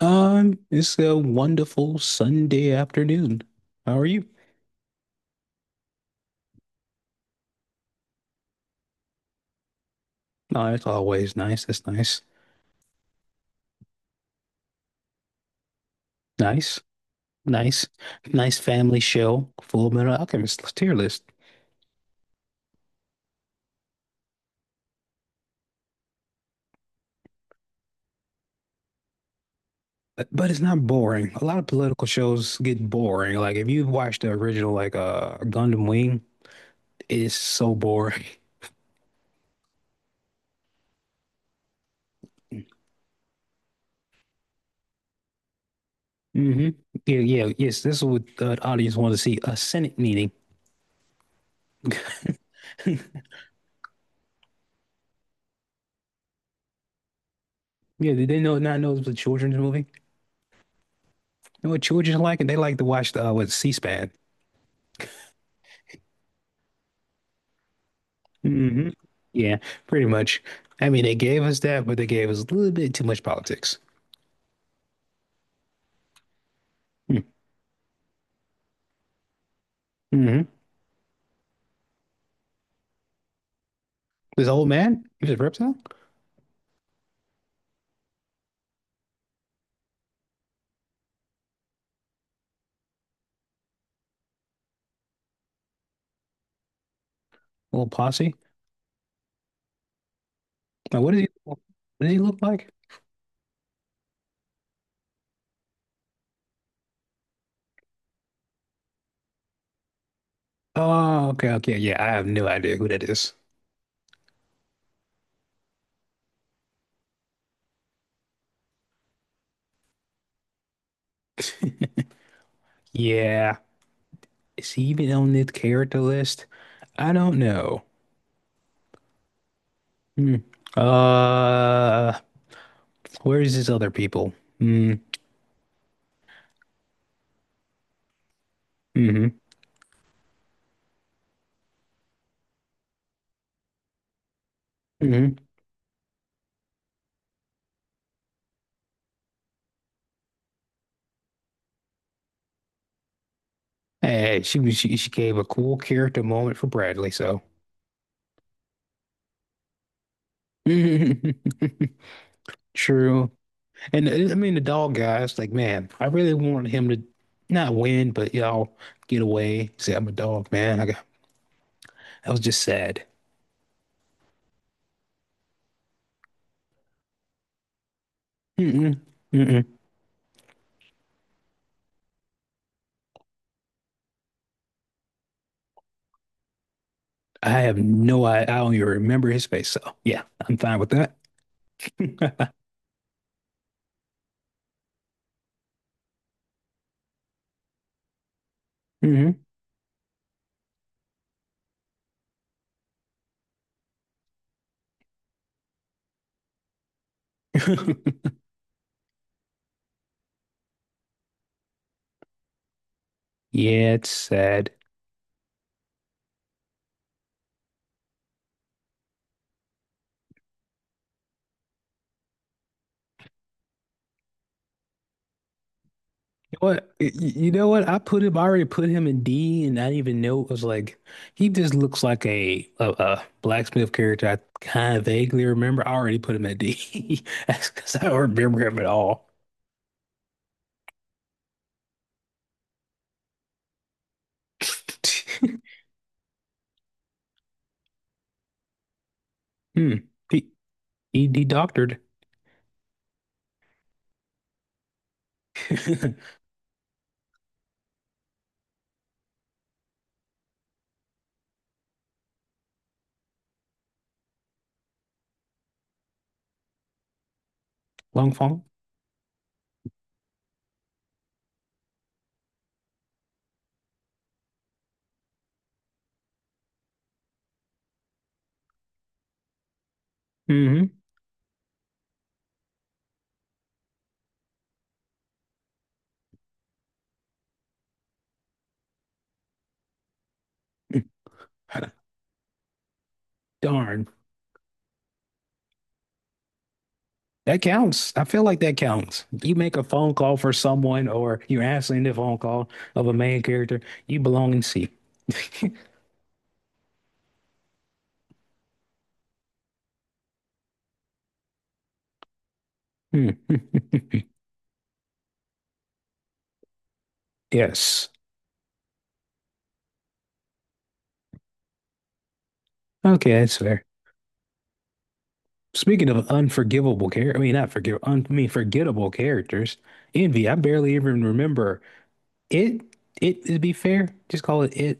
It's a wonderful Sunday afternoon. How are you? Oh, it's always nice. It's nice. Nice. Nice. Nice family show. Full Metal Alchemist tier list. But it's not boring. A lot of political shows get boring. Like if you've watched the original like Gundam Wing, it is so boring. Hmm. Yeah, yeah, yes. This is what the audience wanted to see. A Senate meeting. Yeah, did they know not know it was a children's movie? You know what children like? And they like to watch the what, C-SPAN. Hmm. Yeah, pretty much. I mean, they gave us that, but they gave us a little bit too much politics. Hmm. Mm-hmm. This old man, he was a reptile, a little posse. Now, what did he look like? Oh, okay, okay, yeah. I have no idea who that is. Yeah, is he even on this character list? I don't know. Hmm. Uh, where's his other people? Mm, mm-hmm, mm-hmm. Hey, she gave a cool character moment for Bradley, so. True. And I mean, the dog guy, it's like, man, I really wanted him to not win, but y'all get away. Say, I'm a dog, man. I got, that was just sad. Mm-mm, mm-mm. I have no, I don't even remember his face. So yeah, I'm fine with that. Hmm. Yeah, it's sad. You know what? I already put him in D and I didn't even know it was like he just looks like a blacksmith character I kind of vaguely remember. I already put him at D. That's because I don't remember him at all. Hmm. He, he doctored. Long Fong. Hmm. Darn. That counts. I feel like that counts. You make a phone call for someone or you're answering the phone call of a main character, you belong in C. Hmm. Yes. Okay, that's fair. Speaking of unforgivable character, I mean not forgive, un I mean forgettable characters. Envy, I barely even remember it. It to be fair, just call it it.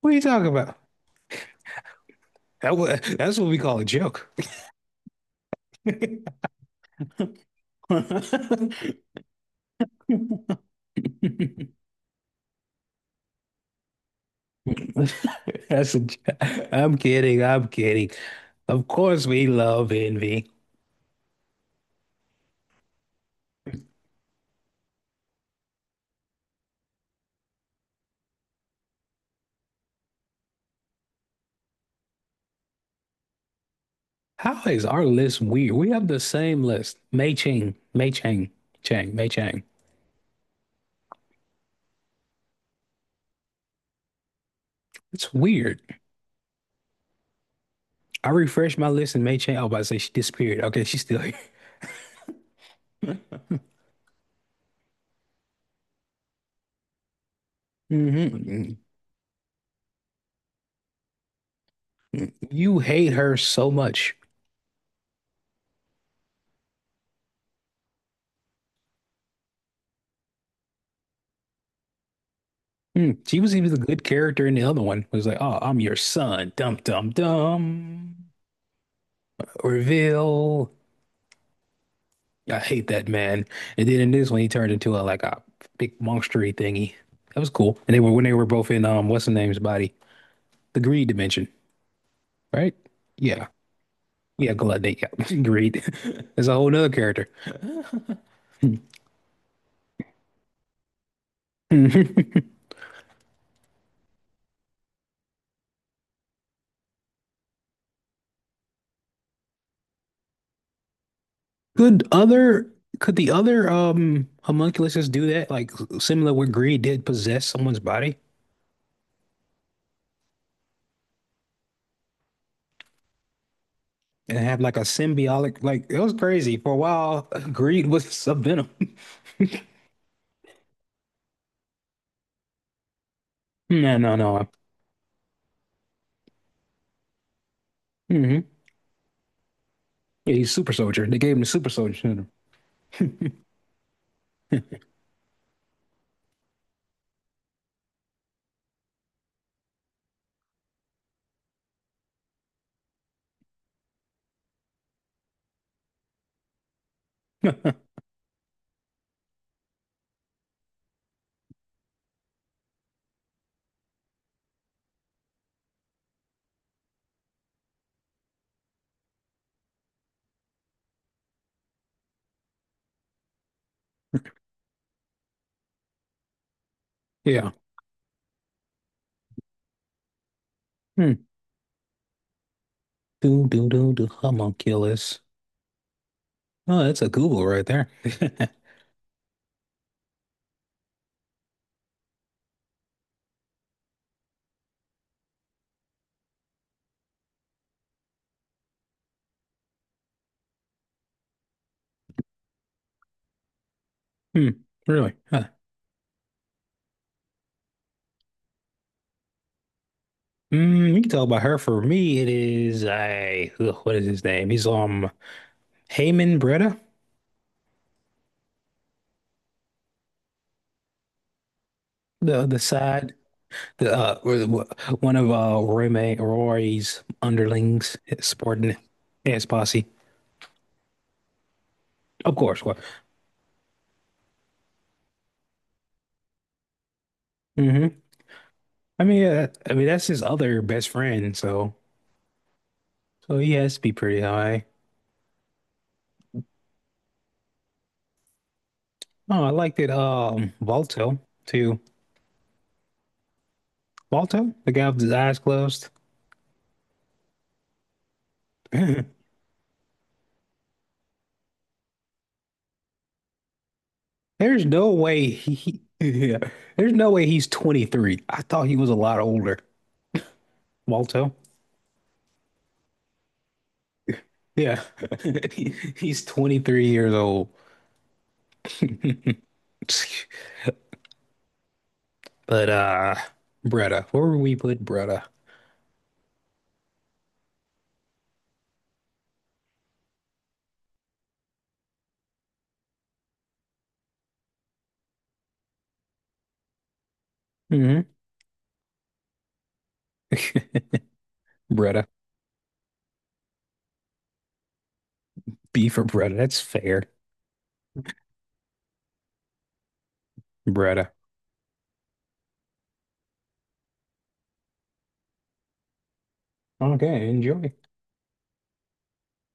What are you talking about? That's what we call a joke. That's a, j- I'm kidding. I'm kidding. Of course, we love envy. How is our list weird? We have the same list. Mei Ching, Mei Chang, Chang, Mei Chang. It's weird. I refreshed my list and made change. I was about to say she disappeared. Okay, she's still here. Hmm. You hate her so much. Hmm. She was even a good character in the other one. It was like, oh, I'm your son. Dum dum dum. Reveal. I hate that man. And then in this one, he turned into a like a big monstery thingy. That was cool. And they were when they were both in what's the name's body? The greed dimension, right? Yeah. Yeah, Gluttony. Yeah. Greed. That's a whole nother character. Could other could the other homunculuses do that? Like similar where greed did possess someone's body and have like a symbiotic like it was crazy. For a while, greed was a venom. No, no, no. Hmm. Yeah, he's super soldier. They gave him the super soldier syndrome. Yeah. Hmm. Do do do do homunculus. Oh, that's a Google right there. Hmm. Really? Huh. Mm, you can tell by her. For me, it is I. Ugh, what is his name? He's Haman Breda, the side uh, one of roommate Rory's underlings, his subordinate, his posse. Of course. What? Hmm. I mean that's his other best friend. So, so he has to be pretty high. Oh, I liked it. Balto too. Balto, the guy with his eyes closed. There's no way he. Yeah. There's no way he's 23. I thought he was a lot older. Balto. Yeah. He- he's 23 years old. But Bretta, where would we put Bretta? Mm-hmm. Bretta. B for Bretta. That's fair. Bretta. Okay, enjoy.